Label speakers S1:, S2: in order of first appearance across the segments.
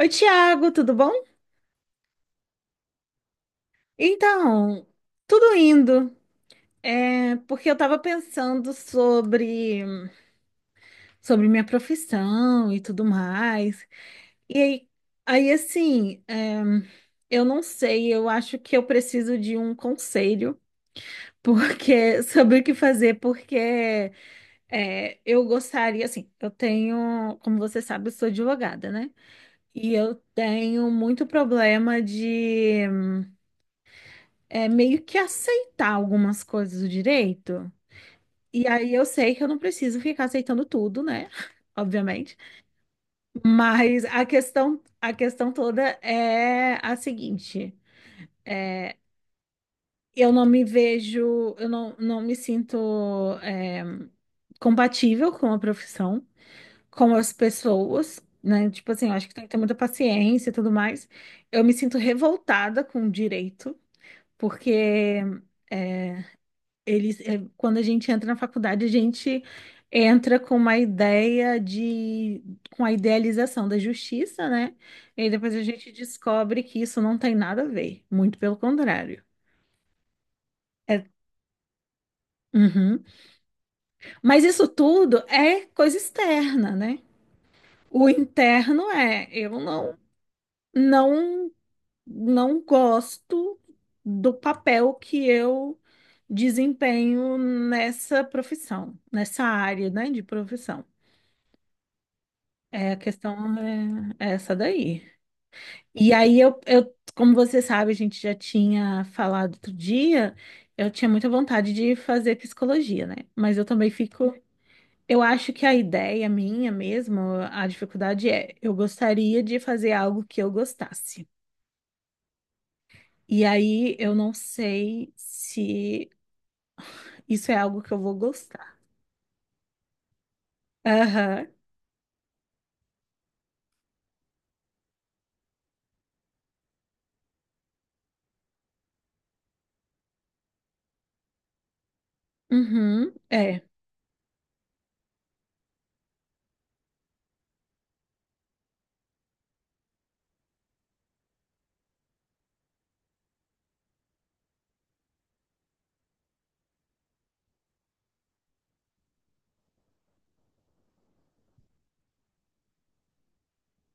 S1: Oi, Tiago, tudo bom? Então, tudo indo. É porque eu tava pensando sobre minha profissão e tudo mais. E aí, aí assim, eu não sei, eu acho que eu preciso de um conselho porque sobre o que fazer, porque é, eu gostaria, assim, eu tenho, como você sabe, eu sou advogada, né? E eu tenho muito problema é meio que aceitar algumas coisas do direito. E aí eu sei que eu não preciso ficar aceitando tudo, né? Obviamente. Mas a questão toda é a seguinte: eu não me vejo, eu não me sinto é, compatível com a profissão, com as pessoas. Né? Tipo assim, eu acho que tem que ter muita paciência e tudo mais. Eu me sinto revoltada com o direito, porque é, Eles, é, quando a gente entra na faculdade, a gente entra com uma ideia de, com a idealização da justiça, né? E aí depois a gente descobre que isso não tem nada a ver, muito pelo contrário. É, uhum. Mas isso tudo é coisa externa, né? O interno é, eu não, não, não gosto do papel que eu desempenho nessa profissão, nessa área, né, de profissão. É, a questão é essa daí. E aí eu, como você sabe, a gente já tinha falado outro dia, eu tinha muita vontade de fazer psicologia, né? Mas eu também fico, eu acho que a ideia minha mesmo, a dificuldade é, eu gostaria de fazer algo que eu gostasse. E aí eu não sei se isso é algo que eu vou gostar. Aham. Uhum. É.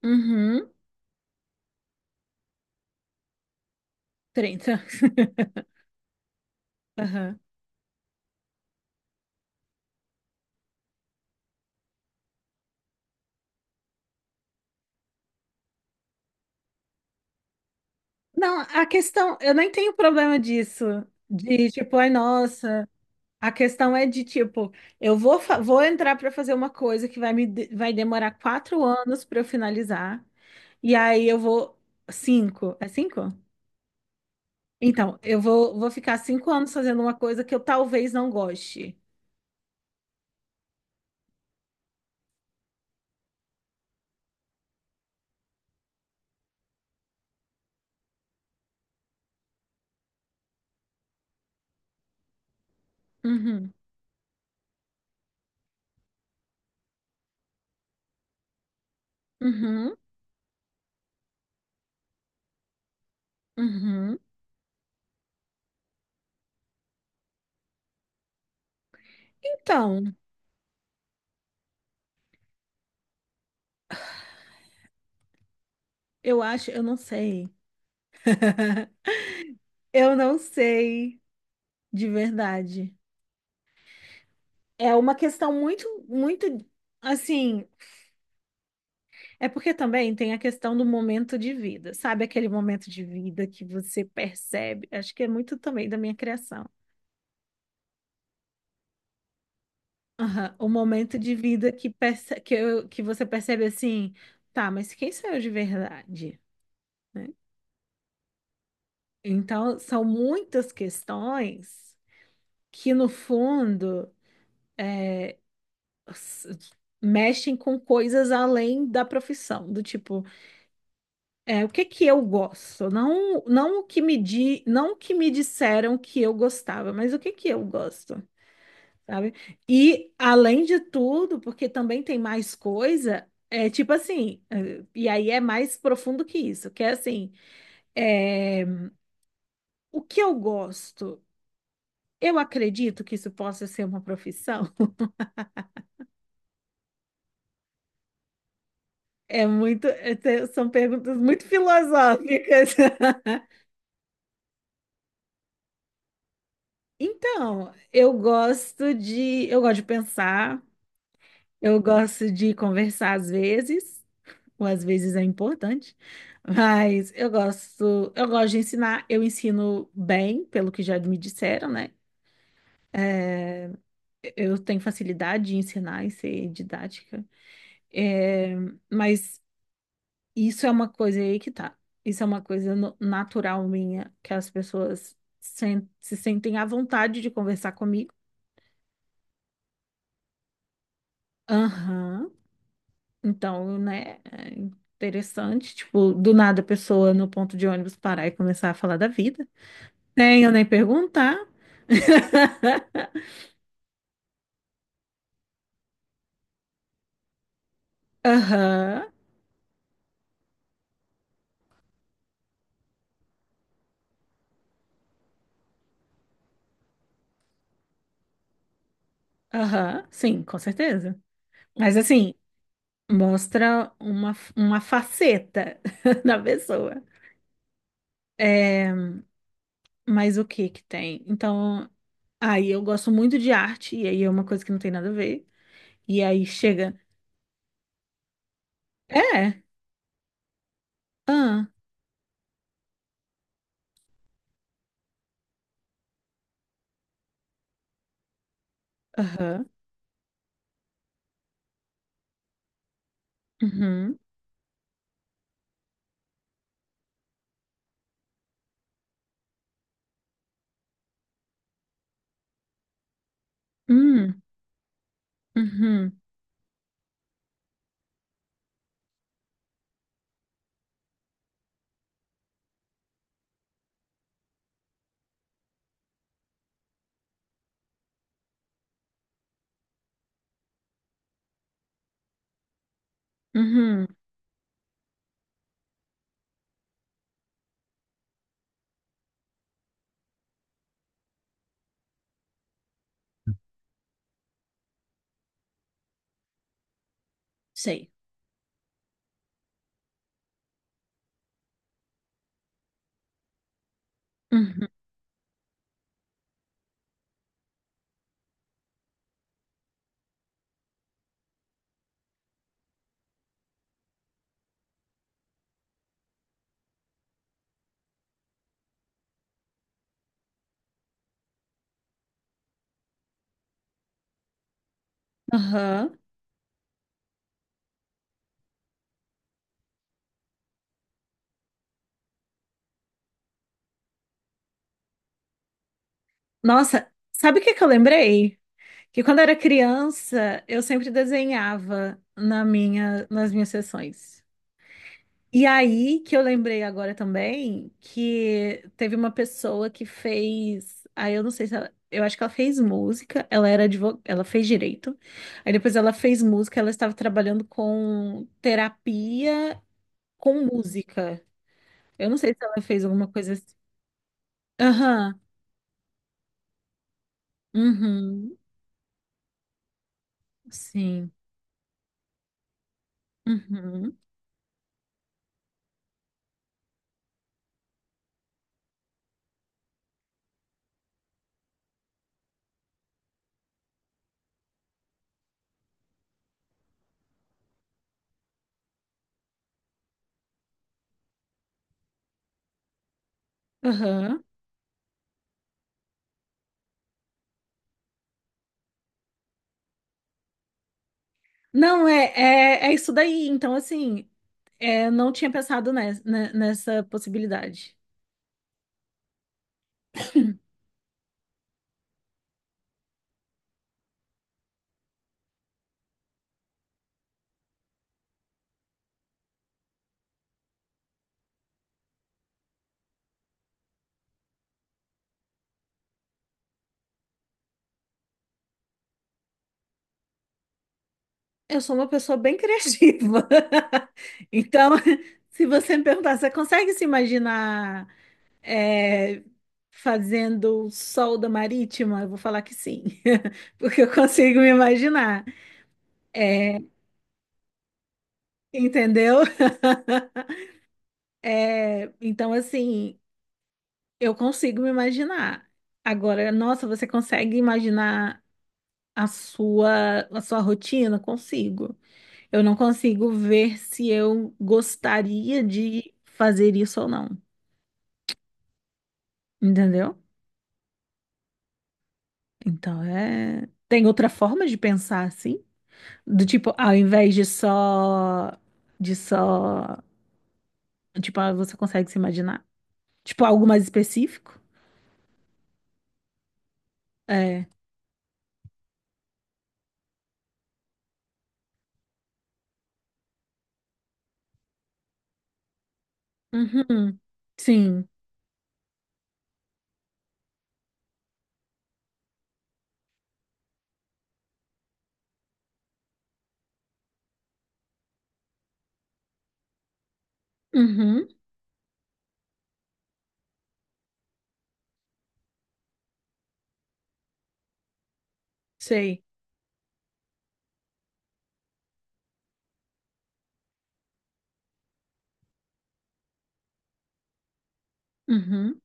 S1: Uhum. 30. Aham. Não, a questão, eu nem tenho problema disso, de tipo, ai, nossa. A questão é de tipo, vou entrar para fazer uma coisa que vai demorar 4 anos para eu finalizar, e aí eu vou cinco, é cinco? Então, vou ficar 5 anos fazendo uma coisa que eu talvez não goste. Uhum, uhum, uhum. Então, eu acho, eu não sei. Eu não sei de verdade. É uma questão muito assim. É porque também tem a questão do momento de vida, sabe? Aquele momento de vida que você percebe. Acho que é muito também da minha criação. Aham. O momento de vida que você percebe assim, tá, mas quem sou eu de verdade? Né? Então, são muitas questões que, no fundo, s- mexem com coisas além da profissão, do tipo. É, o que que eu gosto? Não, não o que me di, Não o que me disseram que eu gostava, mas o que que eu gosto, sabe? E além de tudo, porque também tem mais coisa, é tipo assim, e aí é mais profundo que isso, que é assim, é, o que eu gosto, eu acredito que isso possa ser uma profissão. É muito, são perguntas muito filosóficas. Então, eu gosto de pensar. Eu gosto de conversar às vezes, ou às vezes é importante, mas eu gosto de ensinar, eu ensino bem, pelo que já me disseram, né? Eu tenho facilidade de ensinar e ser didática. É, mas isso é uma coisa aí que tá. Isso é uma coisa natural minha, que as pessoas se sentem à vontade de conversar comigo. Aham. Então, né, é interessante, tipo, do nada a pessoa no ponto de ônibus parar e começar a falar da vida. Nem eu nem perguntar. Aham, aham, sim, com certeza. Mas assim, mostra uma faceta da pessoa. É, mas o que que tem? Então, aí eu gosto muito de arte, e aí é uma coisa que não tem nada a ver. E aí chega, é, ah, aham, uhum, uhum, uhum, uhum. Sei. Uhum. Aham. Nossa, sabe o que que eu lembrei? Que quando eu era criança, eu sempre desenhava nas minhas sessões. E aí que eu lembrei agora também que teve uma pessoa que fez, aí eu não sei se ela, eu acho que ela fez música, ela fez direito. Aí depois ela fez música, ela estava trabalhando com terapia com música. Eu não sei se ela fez alguma coisa assim. Aham. Uhum. Sim. Uhum. Aham. Não, é isso daí. Então, assim, é, não tinha pensado nessa possibilidade. Eu sou uma pessoa bem criativa. Então, se você me perguntar, você consegue se imaginar é, fazendo solda marítima? Eu vou falar que sim, porque eu consigo me imaginar. É, entendeu? É, então, assim. Eu consigo me imaginar. Agora, nossa, você consegue imaginar a sua rotina? Consigo. Eu não consigo ver se eu gostaria de fazer isso ou não. Entendeu? Então, é. Tem outra forma de pensar assim? Do tipo, ao invés de só. De só. Tipo, ah, você consegue se imaginar? Tipo, algo mais específico? É. Uhum. Sim. Uhum. Sei. Uhum.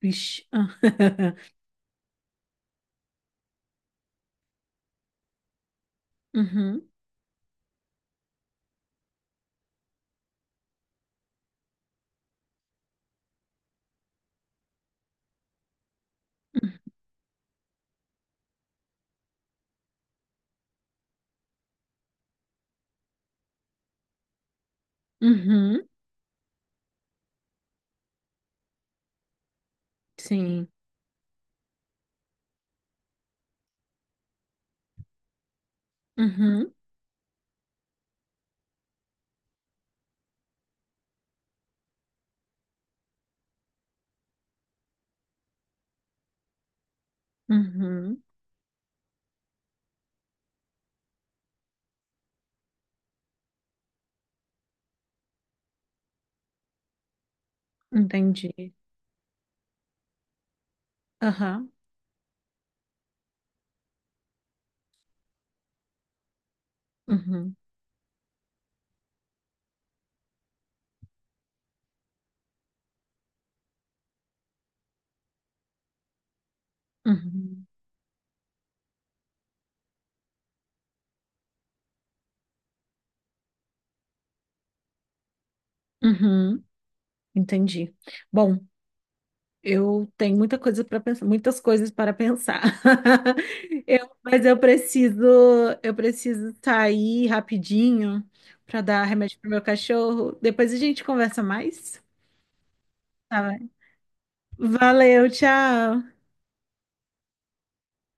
S1: Vixe. Ah. Uhum. Uhum. Sim. Uhum. Uhum. Entendi. Aham. Uhum. Uhum. Uhum. Entendi. Bom, eu tenho muita coisa para pensar, muitas coisas para pensar. Eu, mas eu preciso sair rapidinho para dar remédio pro meu cachorro. Depois a gente conversa mais. Tá bem. Valeu, tchau.